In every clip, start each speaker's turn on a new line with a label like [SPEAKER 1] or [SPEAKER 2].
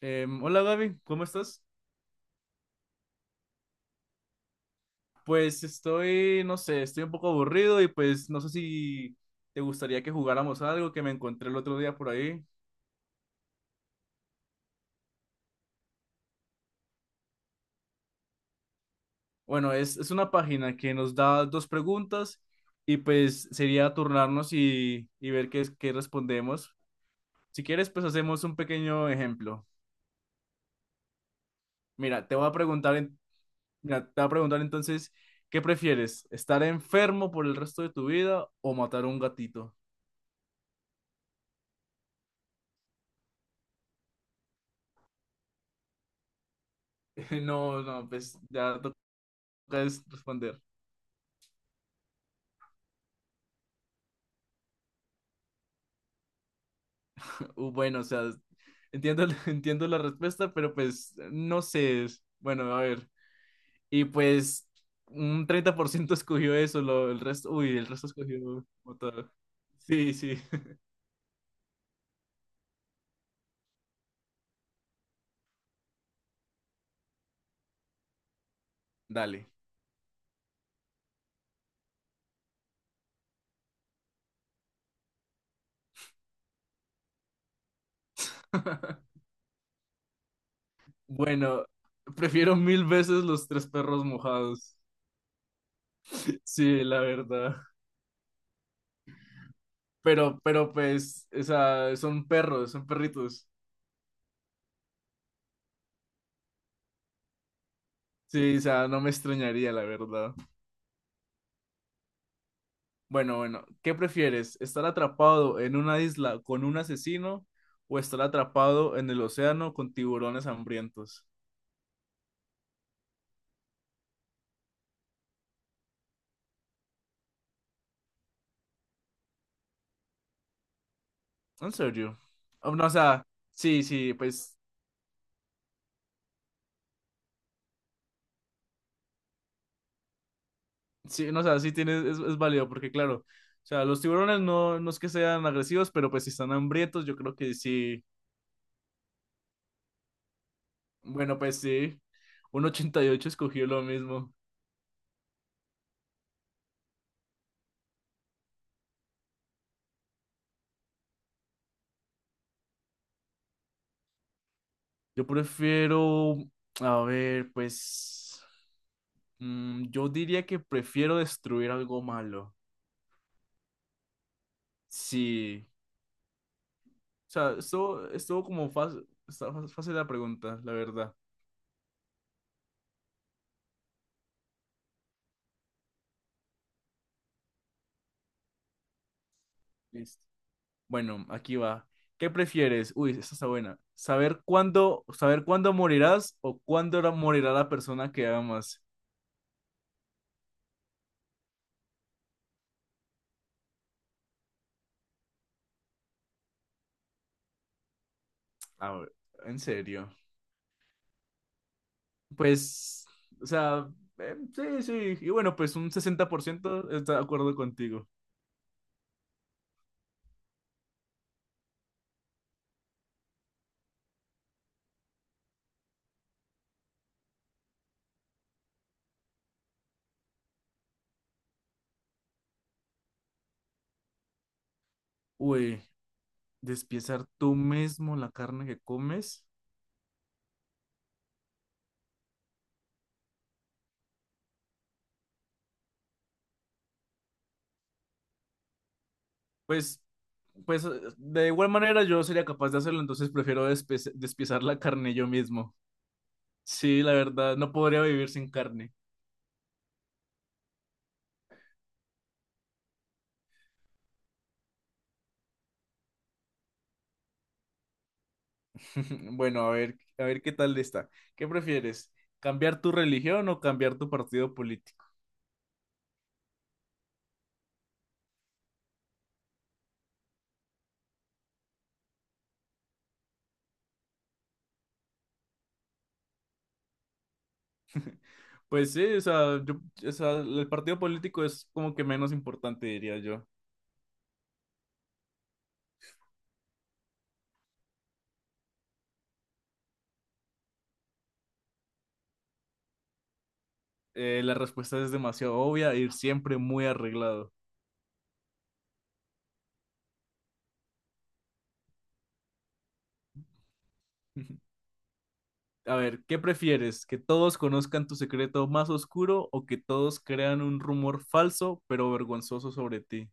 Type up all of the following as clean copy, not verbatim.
[SPEAKER 1] Hola Gaby, ¿cómo estás? Pues estoy, no sé, estoy un poco aburrido y pues no sé si te gustaría que jugáramos algo que me encontré el otro día por ahí. Bueno, es una página que nos da dos preguntas y pues sería turnarnos y ver qué respondemos. Si quieres, pues hacemos un pequeño ejemplo. Mira, te voy a preguntar, entonces, ¿qué prefieres? ¿Estar enfermo por el resto de tu vida o matar a un gatito? No, no, pues ya toca es responder. Bueno, o sea, entiendo, entiendo la respuesta, pero pues no sé. Bueno, a ver. Y pues un 30% escogió eso, el resto, uy, el resto escogió otra. Sí, sí, dale. Bueno, prefiero mil veces los tres perros mojados. Sí, la verdad. Pero pues, o sea, son perros, son perritos. Sí, o sea, no me extrañaría, la verdad. Bueno, bueno, ¿qué prefieres? ¿Estar atrapado en una isla con un asesino o estar atrapado en el océano con tiburones hambrientos? En serio. Oh, no, o sea, sí, sí, pues, sí, no, o sea, sí tienes, es válido, porque claro, o sea, los tiburones no, no es que sean agresivos, pero pues si están hambrientos, yo creo que sí. Bueno, pues sí, un 88 escogió lo mismo. Yo prefiero, a ver, pues, yo diría que prefiero destruir algo malo. Sí. O sea, estuvo como fácil, fácil la pregunta, la verdad. Listo. Bueno, aquí va. ¿Qué prefieres? Uy, esta está buena. ¿Saber cuándo morirás o cuándo morirá la persona que amas? A ver, en serio. Pues, o sea, sí, sí. Y bueno, pues un 60% está de acuerdo contigo. Uy, despiezar tú mismo la carne que comes. Pues, pues de igual manera yo sería capaz de hacerlo, entonces prefiero despiezar la carne yo mismo. Sí, la verdad, no podría vivir sin carne. Bueno, a ver qué tal está. ¿Qué prefieres? ¿Cambiar tu religión o cambiar tu partido político? Pues sí, o sea, yo, o sea, el partido político es como que menos importante, diría yo. La respuesta es demasiado obvia, ir siempre muy arreglado. A ver, ¿qué prefieres? ¿Que todos conozcan tu secreto más oscuro o que todos crean un rumor falso pero vergonzoso sobre ti?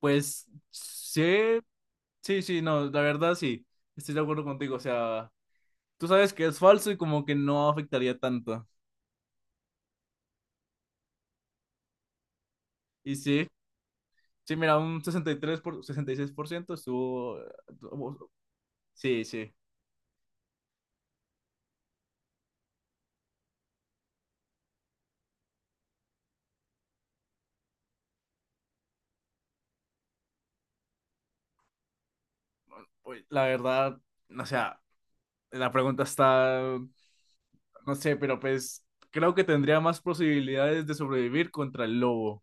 [SPEAKER 1] Pues sí, sí, sí, no, la verdad sí, estoy de acuerdo contigo, o sea, tú sabes que es falso y como que no afectaría tanto. Y sí, sí, mira, un 63 por, 66% estuvo. Sí, sí. Uy, la verdad, o sea, la pregunta está. No sé, pero pues creo que tendría más posibilidades de sobrevivir contra el lobo. O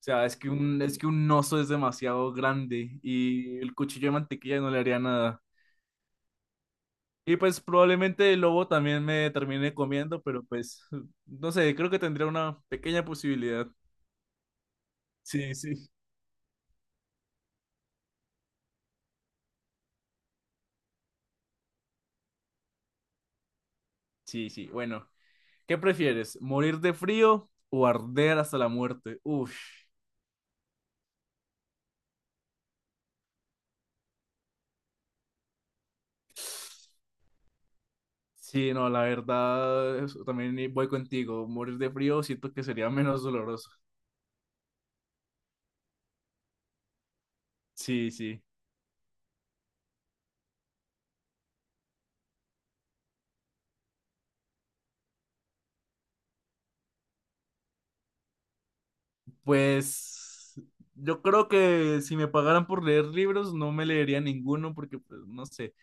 [SPEAKER 1] sea, es que un oso es demasiado grande y el cuchillo de mantequilla no le haría nada. Y pues probablemente el lobo también me termine comiendo, pero pues no sé, creo que tendría una pequeña posibilidad. Sí, sí. Sí, sí. Bueno, ¿qué prefieres? ¿Morir de frío o arder hasta la muerte? Uf. Sí, no, la verdad, eso también voy contigo. Morir de frío siento que sería menos doloroso. Sí, sí. Pues yo creo que si me pagaran por leer libros, no me leería ninguno porque, pues, no sé.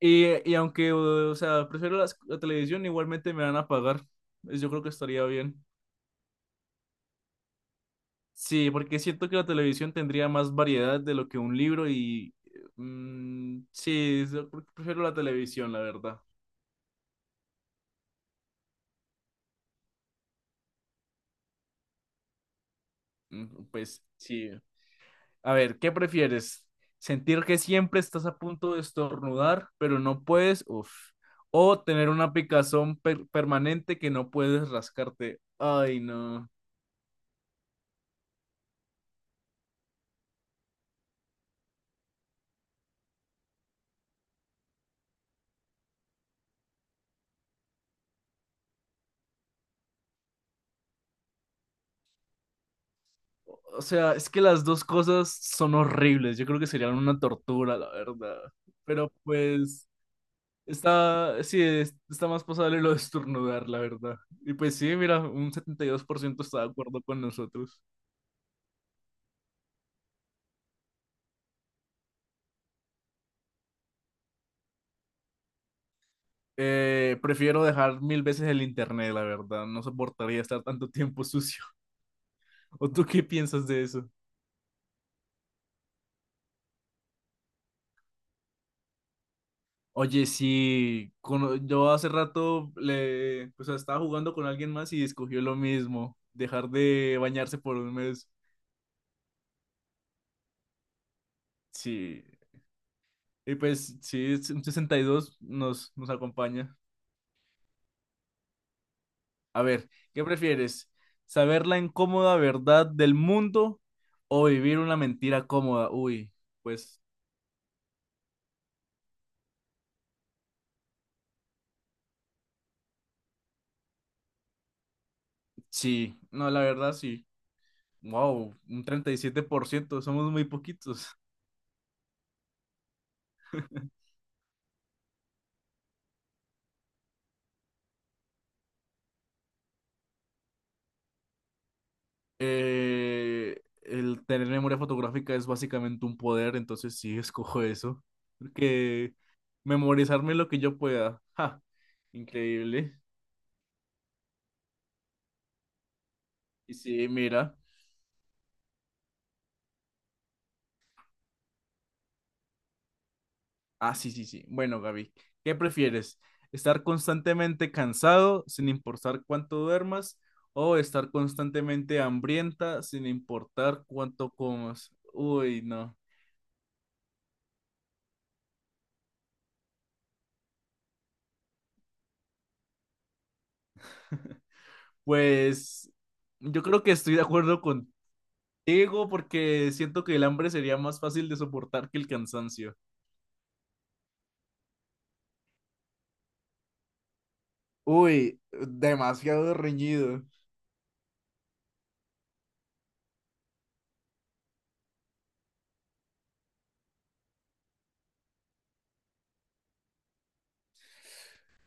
[SPEAKER 1] Y aunque, o sea, prefiero la televisión, igualmente me van a pagar. Pues, yo creo que estaría bien. Sí, porque siento que la televisión tendría más variedad de lo que un libro y... sí, yo prefiero la televisión, la verdad. Mm, pues sí. A ver, ¿qué prefieres? ¿Sentir que siempre estás a punto de estornudar, pero no puedes? Uf. O tener una picazón permanente que no puedes rascarte. Ay, no. O sea, es que las dos cosas son horribles. Yo creo que serían una tortura, la verdad. Pero pues está, sí, está más pasable lo de estornudar, la verdad. Y pues sí, mira, un 72% está de acuerdo con nosotros. Prefiero dejar mil veces el internet, la verdad. No soportaría estar tanto tiempo sucio. ¿O tú qué piensas de eso? Oye, sí, yo hace rato le, o sea, estaba jugando con alguien más y escogió lo mismo, dejar de bañarse por un mes. Sí, y pues sí, es un 62 nos acompaña. A ver, ¿qué prefieres? ¿Saber la incómoda verdad del mundo o vivir una mentira cómoda? Uy, pues sí, no, la verdad sí. Wow, un 37%. Somos muy poquitos. El tener memoria fotográfica es básicamente un poder, entonces sí, escojo eso. Porque memorizarme lo que yo pueda. Ja, increíble. Y sí, mira. Ah, sí, sí, sí. Bueno, Gaby, ¿qué prefieres? ¿Estar constantemente cansado sin importar cuánto duermas o estar constantemente hambrienta sin importar cuánto comas? Uy, no. Pues yo creo que estoy de acuerdo contigo porque siento que el hambre sería más fácil de soportar que el cansancio. Uy, demasiado reñido.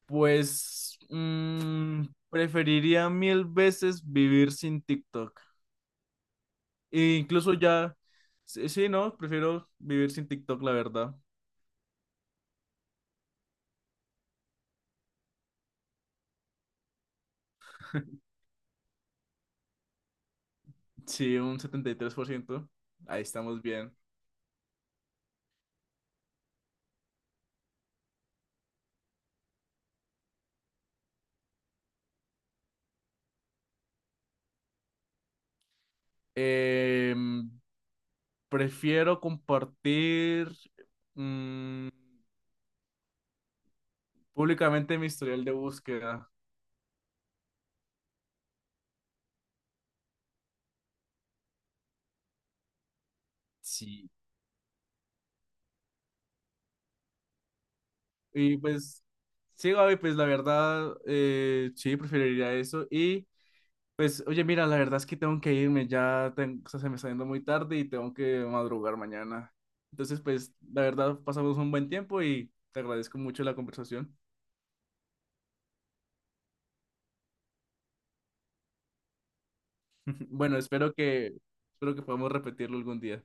[SPEAKER 1] Pues preferiría mil veces vivir sin TikTok. E incluso ya, sí, sí, no, prefiero vivir sin TikTok, la verdad. Sí, un 73%. Ahí estamos bien. Em, prefiero compartir mm, públicamente mi historial de búsqueda. Sí. Y pues, sí, Gaby, pues la verdad, sí, preferiría eso. Y pues, oye, mira, la verdad es que tengo que irme, ya o sea, se me está yendo muy tarde y tengo que madrugar mañana. Entonces, pues, la verdad, pasamos un buen tiempo y te agradezco mucho la conversación. Bueno, espero que podamos repetirlo algún día.